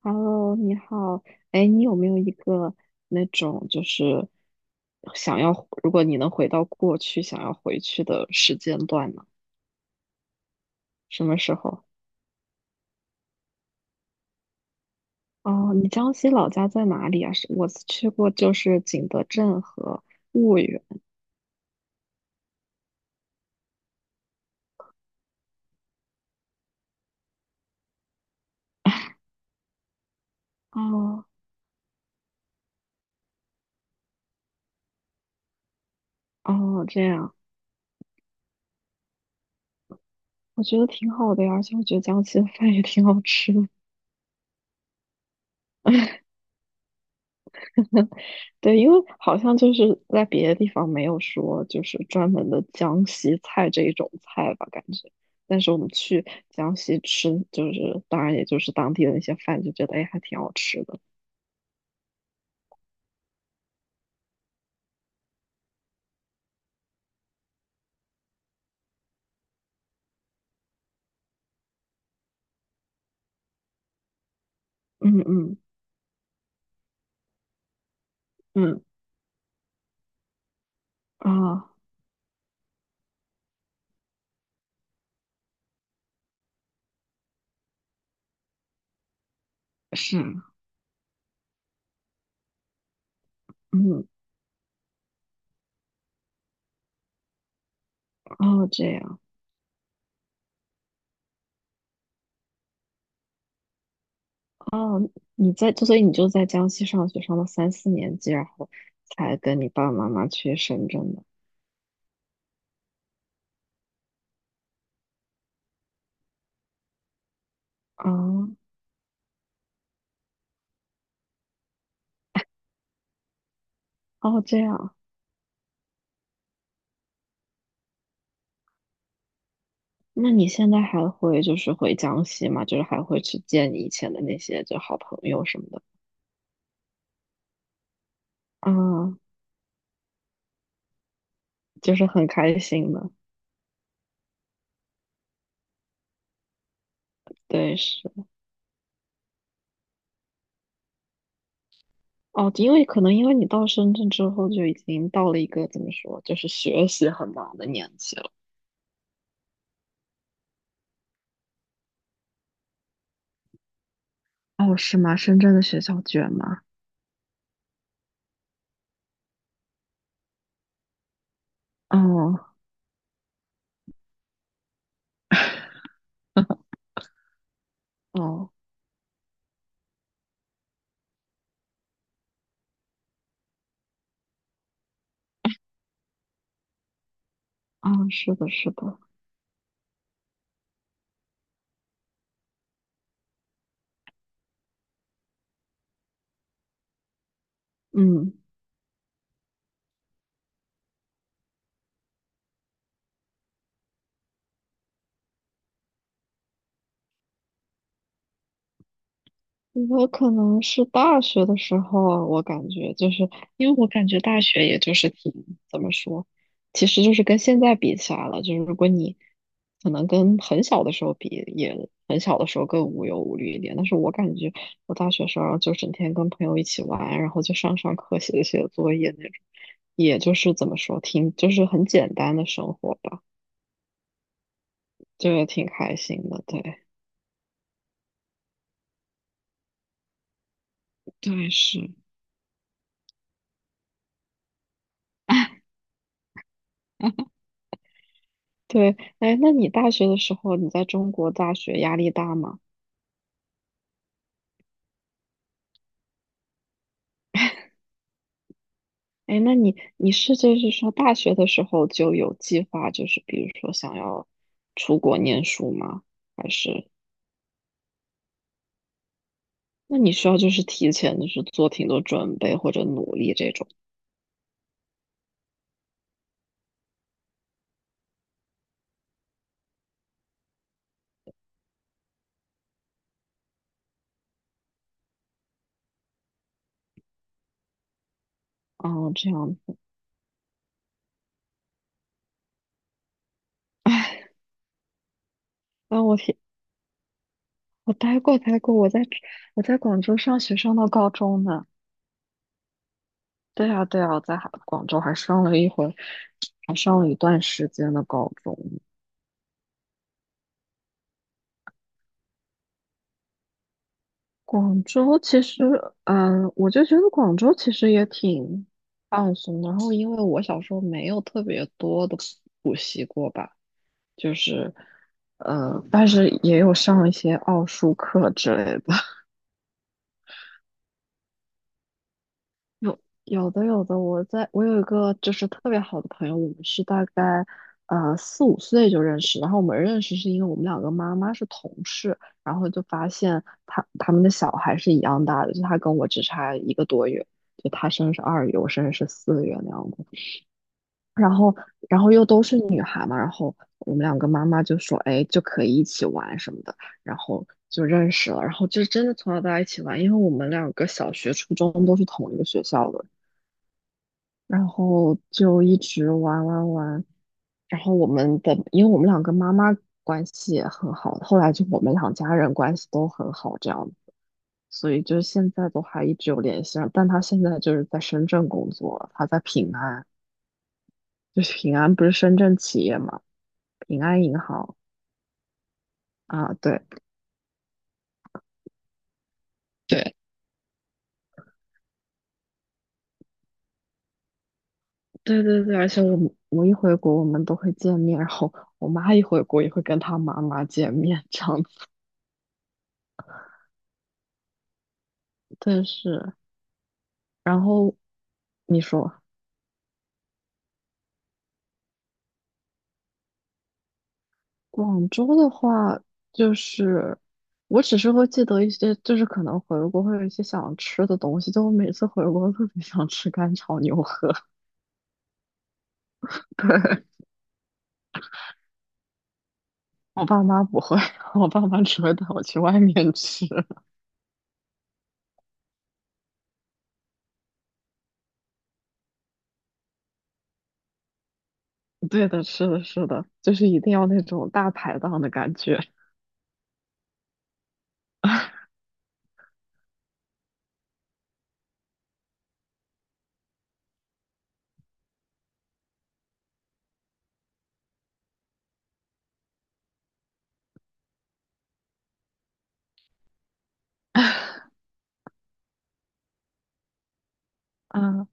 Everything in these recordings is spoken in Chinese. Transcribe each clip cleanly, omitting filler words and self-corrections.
Hello，你好，哎，你有没有一个那种就是想要，如果你能回到过去，想要回去的时间段呢？什么时候？哦，你江西老家在哪里啊？是我去过，就是景德镇和婺源。哦哦，这样。我觉得挺好的呀，而且我觉得江西的饭也挺好吃的。对，因为好像就是在别的地方没有说就是专门的江西菜这一种菜吧，感觉。但是我们去江西吃，就是当然也就是当地的那些饭，就觉得哎还挺好吃的。嗯嗯。嗯。啊。是。嗯。哦，这样。哦。所以你就在江西上学上了三四年级，然后才跟你爸爸妈妈去深圳的。啊。哦，这样。那你现在还会就是回江西吗？就是还会去见你以前的那些就好朋友什么的。啊，就是很开心的。对，是。哦，因为可能因为你到深圳之后就已经到了一个怎么说，就是学习很忙的年纪了。哦，是吗？深圳的学校卷吗？哦哦哦，是的，是的。嗯。我可能是大学的时候啊，我感觉就是因为我感觉大学也就是挺怎么说，其实就是跟现在比起来了，就是如果你可能跟很小的时候比，也很小的时候更无忧无虑一点。但是我感觉我大学时候就整天跟朋友一起玩，然后就上上课、写写作业那种，也就是怎么说，挺就是很简单的生活吧，就也挺开心的。对，对，是。对，哎，那你大学的时候，你在中国大学压力大吗？哎，那你是就是说大学的时候就有计划，就是比如说想要出国念书吗？还是那你需要就是提前就是做挺多准备或者努力这种？哦，这样子。哎，那我天，我待过待过，我在广州上学上到高中呢。对啊对啊，我在哈广州还上了一回，还上了一段时间的高中。广州其实，嗯，我就觉得广州其实也挺放松的。然后，因为我小时候没有特别多的补习过吧，就是，但是也有上一些奥数课之类的。有有的有的，我有一个就是特别好的朋友，我们是大概4、5岁就认识，然后我们认识是因为我们两个妈妈是同事，然后就发现他们的小孩是一样大的，就他跟我只差一个多月，就他生日是2月，我生日是4月那样子，然后然后又都是女孩嘛，然后我们两个妈妈就说，哎，就可以一起玩什么的，然后就认识了，然后就真的从小到大一起玩，因为我们两个小学、初中都是同一个学校的。然后就一直玩玩玩，然后我们的，因为我们两个妈妈关系也很好，后来就我们两家人关系都很好，这样子，所以就现在都还一直有联系上但他现在就是在深圳工作了，他在平安，就是平安不是深圳企业嘛，平安银行啊，对对对对对，而且我一回国我们都会见面，然后我妈一回国也会跟她妈妈见面，这样子，但是然后你说。广州的话，就是我只是会记得一些，就是可能回国会有一些想吃的东西，就我每次回国都特别想吃干炒牛河。对，我爸妈不会，我爸妈只会带我去外面吃。对的，是的，是的，就是一定要那种大排档的感觉。啊。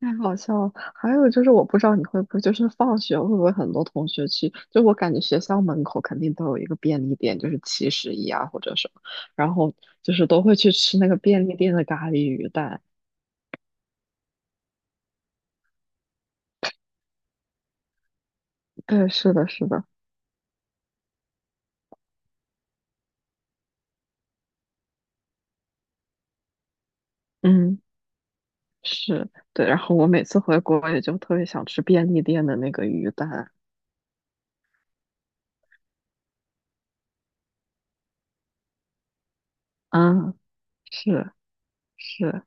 太好笑了！还有就是，我不知道你会不会，就是放学会不会很多同学去？就我感觉学校门口肯定都有一个便利店，就是七十一啊或者什么，然后就是都会去吃那个便利店的咖喱鱼蛋。对，是的，是的，嗯，是，对。然后我每次回国也就特别想吃便利店的那个鱼蛋。嗯，是是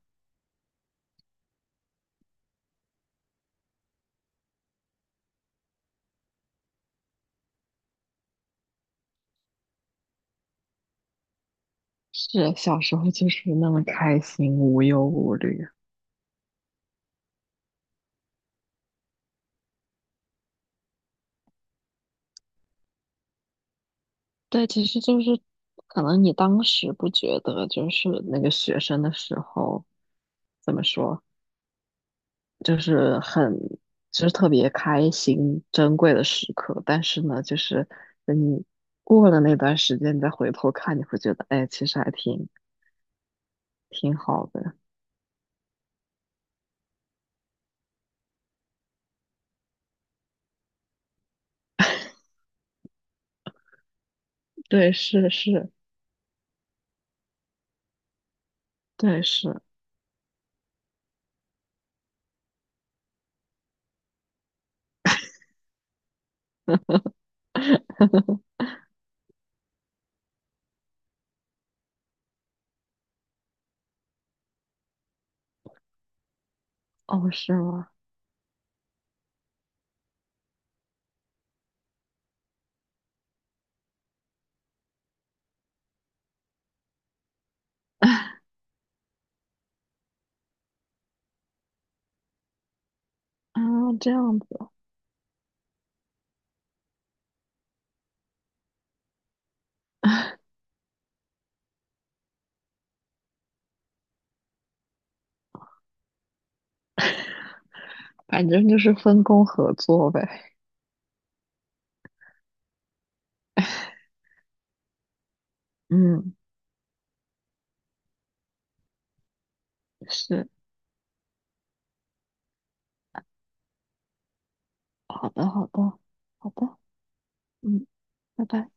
是，小时候就是那么开心，无忧无虑。对，其实就是可能你当时不觉得，就是那个学生的时候，怎么说，就是很，就是特别开心、珍贵的时刻。但是呢，就是等你过了那段时间，你再回头看，你会觉得，哎，其实还挺好的。对，是是，对是。哦，是吗？啊，这样子，反正就是分工合作呗。嗯，是，好的，好的，好的，嗯，拜拜。